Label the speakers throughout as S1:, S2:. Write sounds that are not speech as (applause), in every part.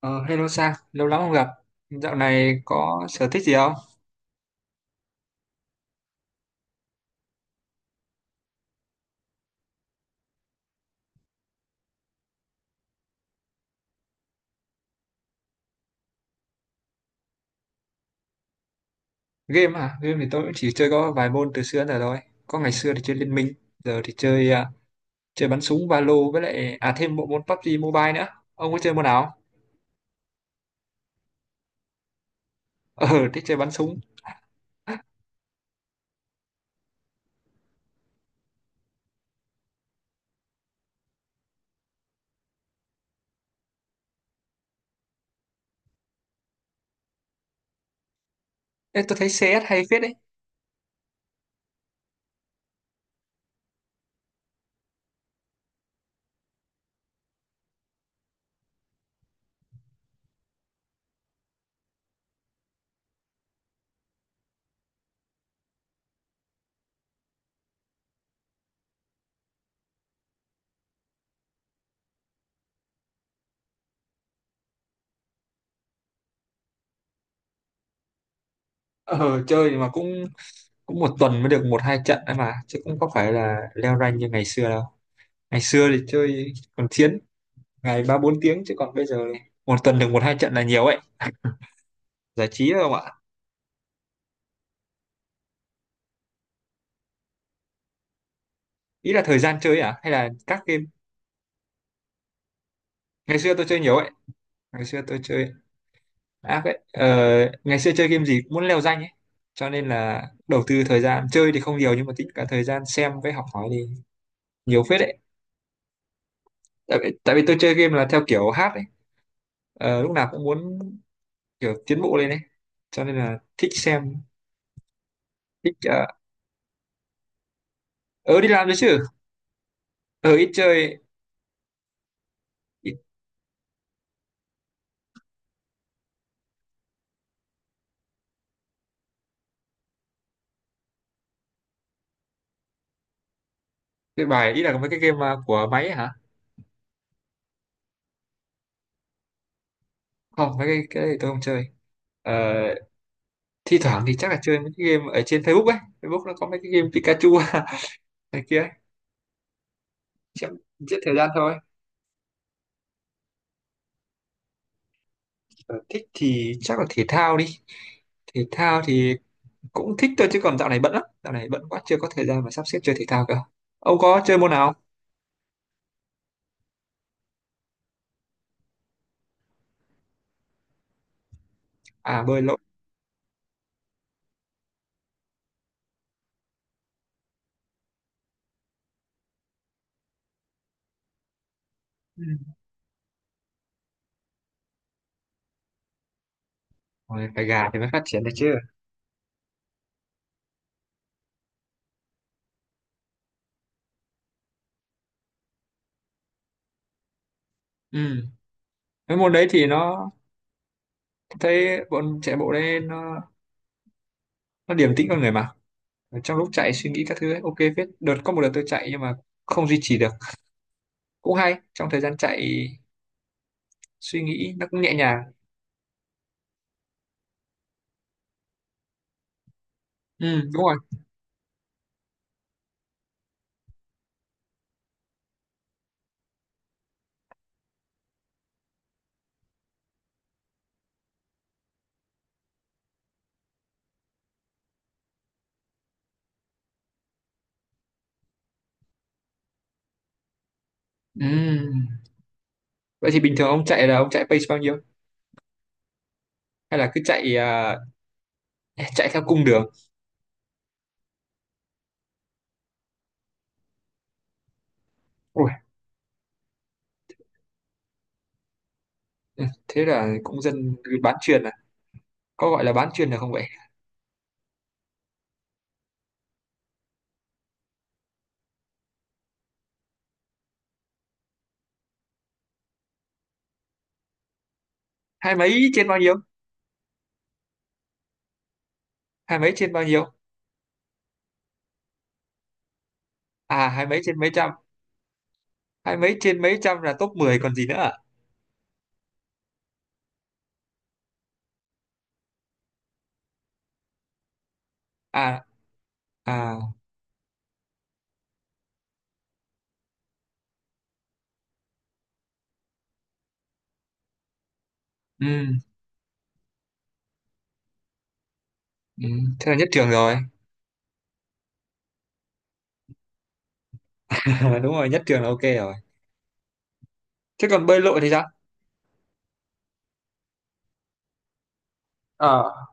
S1: Ờ, Hello Sang, lâu lắm không gặp. Dạo này có sở thích gì không? Game à? Game thì tôi cũng chỉ chơi có vài môn từ xưa đến giờ rồi. Có ngày xưa thì chơi Liên Minh, giờ thì chơi chơi bắn súng Valo với lại thêm bộ môn PUBG Mobile nữa. Ông có chơi môn nào không? (laughs) Ờ, Thích chơi bắn súng. Ê, tôi thấy CS hay phết đấy. Ờ, Chơi mà cũng cũng một tuần mới được một hai trận ấy mà, chứ cũng có phải là leo rank như ngày xưa đâu. Ngày xưa thì chơi còn chiến ngày ba bốn tiếng chứ còn bây giờ một tuần được một hai trận là nhiều ấy. Giải trí thôi không ạ? Ý là thời gian chơi à hay là các game? Ngày xưa tôi chơi nhiều ấy, ngày xưa tôi chơi, à vậy ờ, ngày xưa chơi game gì cũng muốn leo danh ấy, cho nên là đầu tư thời gian chơi thì không nhiều nhưng mà tính cả thời gian xem với học hỏi thì nhiều phết đấy. Tại vì tôi chơi game là theo kiểu hát ấy. Lúc nào cũng muốn kiểu tiến bộ lên ấy, cho nên là thích xem, thích ờ, đi làm đấy chứ. Ờ Ít chơi, ít chơi bài. Ý là mấy cái game mà của máy ấy hả? Không mấy cái này tôi không chơi. Ờ, thi thoảng thì chắc là chơi mấy cái game ở trên Facebook ấy, Facebook nó có mấy cái game Pikachu (laughs) này kia ấy. Chắc giết thời gian thôi. Ờ, thích thì chắc là thể thao đi. Thể thao thì cũng thích thôi chứ còn dạo này bận lắm, dạo này bận quá chưa có thời gian mà sắp xếp chơi thể thao cơ. Ông có chơi môn nào không? À, bơi lội. Ừ. Ôi, phải gà thì mới phát triển được chứ. Ừ. Cái môn đấy thì nó, thấy bọn chạy bộ đấy nó điềm tĩnh con người mà. Ở trong lúc chạy suy nghĩ các thứ ấy, ok phết. Đợt có một đợt tôi chạy nhưng mà không duy trì được. Cũng hay, trong thời gian chạy suy nghĩ nó cũng nhẹ nhàng. Ừ, đúng rồi. Ừ. Vậy thì bình thường ông chạy là ông chạy pace bao nhiêu, hay là cứ chạy, chạy theo cung đường? Ui, ừ, thế là cũng dân bán chuyền à, có gọi là bán chuyền được không vậy? Hai mấy trên bao nhiêu? Hai mấy trên bao nhiêu? À hai mấy trên mấy trăm. Hai mấy trên mấy trăm là top 10 còn gì nữa à? À, à. Ừ, ừ. Thế là nhất trường rồi. (laughs) Đúng rồi, nhất trường là ok rồi. Thế còn bơi lội thì sao? Ờ.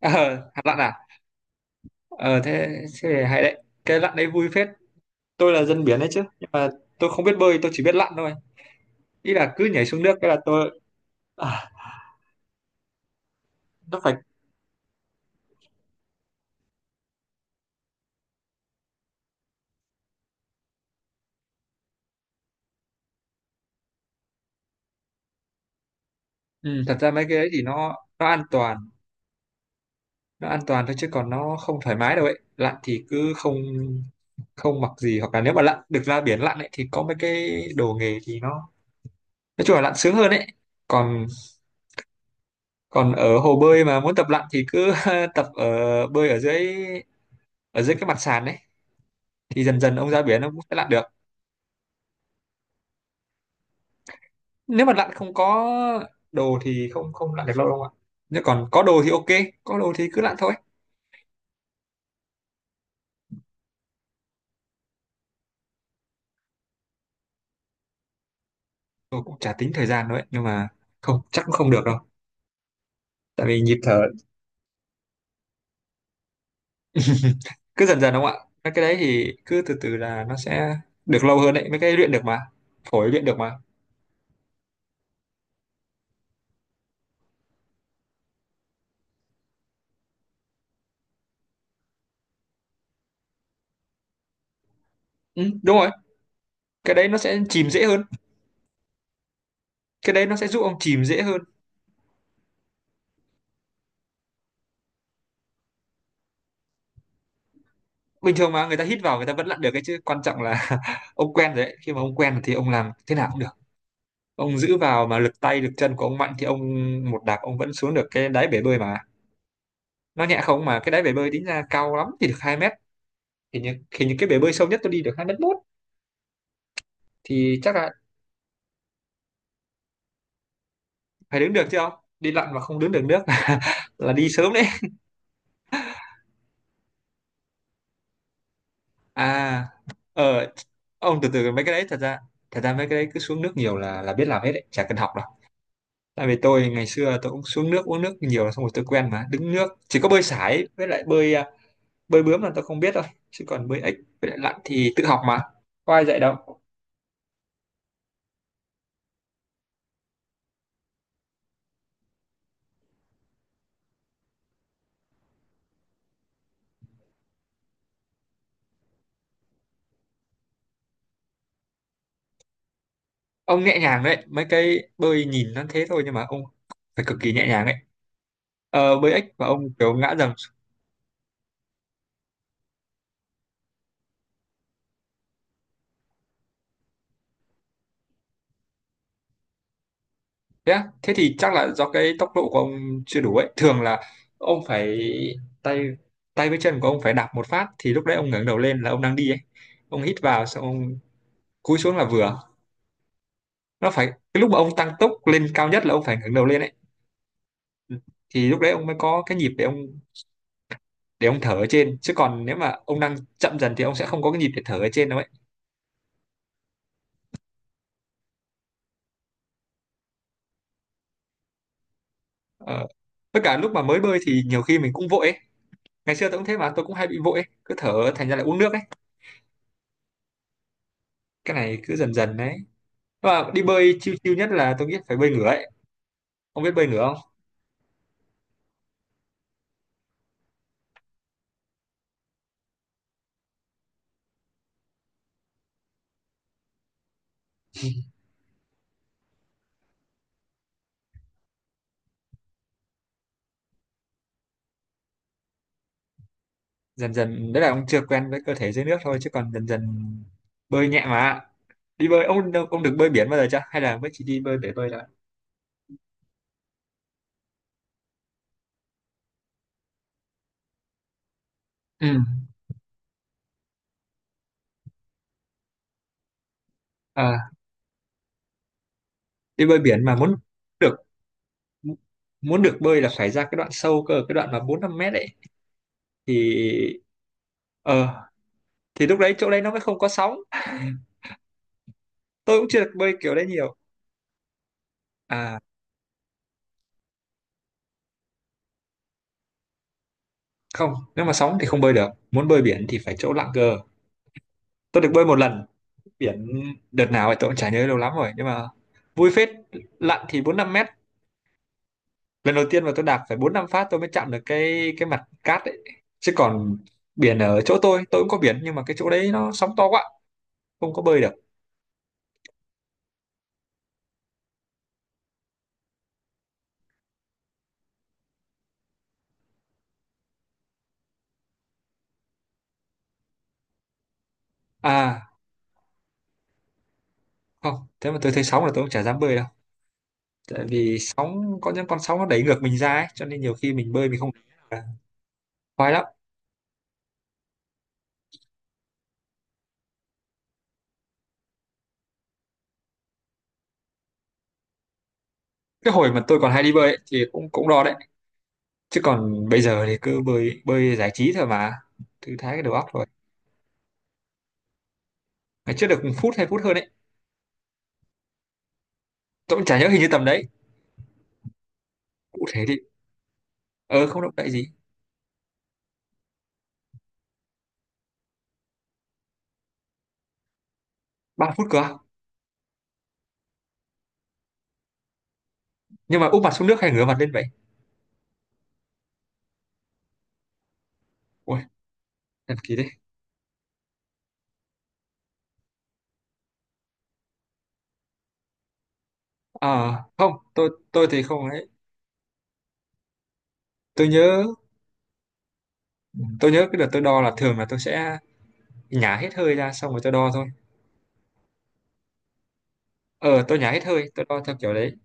S1: Ờ hạt lặn à. Ờ thế, thế thì hay đấy, cái lặn đấy vui phết. Tôi là dân biển đấy chứ, nhưng mà tôi không biết bơi, tôi chỉ biết lặn thôi. Ý là cứ nhảy xuống nước cái là tôi, à, nó phải. Ừ, thật ra mấy cái đấy thì nó an toàn, nó an toàn thôi chứ còn nó không thoải mái đâu ấy. Lặn thì cứ không, không mặc gì, hoặc là nếu mà lặn được ra biển lặn ấy thì có mấy cái đồ nghề thì nó, nói chung là lặn sướng hơn ấy. Còn, còn ở hồ bơi mà muốn tập lặn thì cứ (laughs) tập ở, bơi ở dưới, ở dưới cái mặt sàn ấy, thì dần dần ông ra biển ông cũng sẽ lặn được. Nếu mà lặn không có đồ thì không, không lặn được lâu đâu ạ. Nếu còn có đồ thì ok, có đồ thì cứ lặn thôi. Tôi cũng chả tính thời gian đâu ấy, nhưng mà không, chắc cũng không được đâu. Tại vì nhịp thở. (laughs) Cứ dần dần đúng không ạ, mấy cái đấy thì cứ từ từ là nó sẽ được lâu hơn đấy, mấy cái luyện được mà, phổi luyện được mà. Ừ, đúng rồi, cái đấy nó sẽ chìm dễ hơn, cái đấy nó sẽ giúp ông chìm dễ hơn. Bình thường mà người ta hít vào người ta vẫn lặn được cái chứ, quan trọng là (laughs) ông quen rồi đấy, khi mà ông quen thì ông làm thế nào cũng được. Ông giữ vào mà lực tay lực chân của ông mạnh thì ông một đạp ông vẫn xuống được cái đáy bể bơi mà, nó nhẹ không mà. Cái đáy bể bơi tính ra cao lắm thì được 2 mét, thì những, thì những cái bể bơi sâu nhất tôi đi được hai mét mốt thì chắc là. Phải đứng được chứ, không đi lặn mà không đứng được nước (laughs) là đi sớm đấy. À. Ờ. Ông từ từ, mấy cái đấy thật ra, thật ra mấy cái đấy cứ xuống nước nhiều là biết làm hết đấy, chả cần học đâu. Tại vì tôi ngày xưa tôi cũng xuống nước uống nước nhiều xong rồi tôi quen mà. Đứng nước, chỉ có bơi sải với lại bơi bơi bướm là tôi không biết đâu, chứ còn bơi ếch với lại lặn thì tự học mà, có ai dạy đâu. Ông nhẹ nhàng đấy, mấy cái bơi nhìn nó thế thôi nhưng mà ông phải cực kỳ nhẹ nhàng ấy. Ờ, bơi ếch và ông kiểu ngã dầm. Thế á? Thế thì chắc là do cái tốc độ của ông chưa đủ ấy. Thường là ông phải, tay, với chân của ông phải đạp một phát thì lúc đấy ông ngẩng đầu lên là ông đang đi ấy. Ông hít vào xong ông cúi xuống là vừa, nó phải. Cái lúc mà ông tăng tốc lên cao nhất là ông phải ngẩng đầu lên ấy, thì lúc đấy ông mới có cái nhịp để ông, thở ở trên, chứ còn nếu mà ông đang chậm dần thì ông sẽ không có cái nhịp để thở ở trên đâu ấy. Ờ. Tất cả lúc mà mới bơi thì nhiều khi mình cũng vội ấy, ngày xưa tôi cũng thế mà, tôi cũng hay bị vội ấy. Cứ thở thành ra lại uống nước ấy. Cái này cứ dần dần đấy, và đi bơi chiêu chiêu nhất là tôi nghĩ phải bơi ngửa ấy. Ông biết bơi ngửa không? Dần dần đấy, là ông chưa quen với cơ thể dưới nước thôi chứ còn dần dần bơi nhẹ mà. Đi bơi, ông được bơi biển bao giờ chưa, hay là mới chỉ đi bơi bể bơi thôi? Ừ. À, đi bơi biển mà muốn được, muốn được bơi là phải ra cái đoạn sâu cơ, cái đoạn mà bốn năm mét ấy, thì ờ, thì lúc đấy chỗ đấy nó mới không có sóng. Tôi cũng chưa được bơi kiểu đấy nhiều. À không, nếu mà sóng thì không bơi được, muốn bơi biển thì phải chỗ lặng cơ. Tôi được bơi một lần biển, đợt nào thì tôi cũng chả nhớ, lâu lắm rồi, nhưng mà vui phết. Lặn thì bốn năm mét. Lần đầu tiên mà tôi đạp phải bốn năm phát tôi mới chạm được cái mặt cát ấy. Chứ còn biển ở chỗ tôi cũng có biển nhưng mà cái chỗ đấy nó sóng to quá, không có bơi được. À không, thế mà tôi thấy sóng là tôi cũng chả dám bơi đâu. Tại vì sóng, có những con sóng nó đẩy ngược mình ra ấy, cho nên nhiều khi mình bơi mình không khoái lắm. Cái hồi mà tôi còn hay đi bơi ấy, thì cũng cũng đo đấy, chứ còn bây giờ thì cứ bơi, bơi giải trí thôi mà, thư thái cái đầu óc rồi. Ngày trước được phút hay phút hơn đấy, tôi cũng chả nhớ, hình như tầm đấy. Cụ thể thì ờ, không động đậy gì. Ba phút cơ à? Nhưng mà úp mặt xuống nước hay ngửa mặt lên vậy? Ui, thần kỳ đấy. À, không, tôi thì không ấy. Tôi nhớ tôi nhớ cái đợt tôi đo là thường là tôi sẽ nhả hết hơi ra xong rồi tôi đo thôi. Ờ, tôi nhả hết hơi, tôi đo theo kiểu đấy.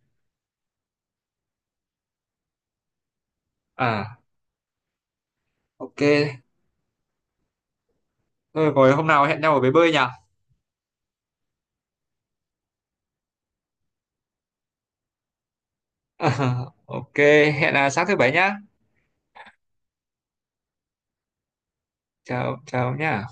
S1: À Ok, thôi rồi hôm nào hẹn nhau ở bể bơi nhỉ? (laughs) Ok, hẹn là sáng thứ bảy nhá. Chào chào nhá.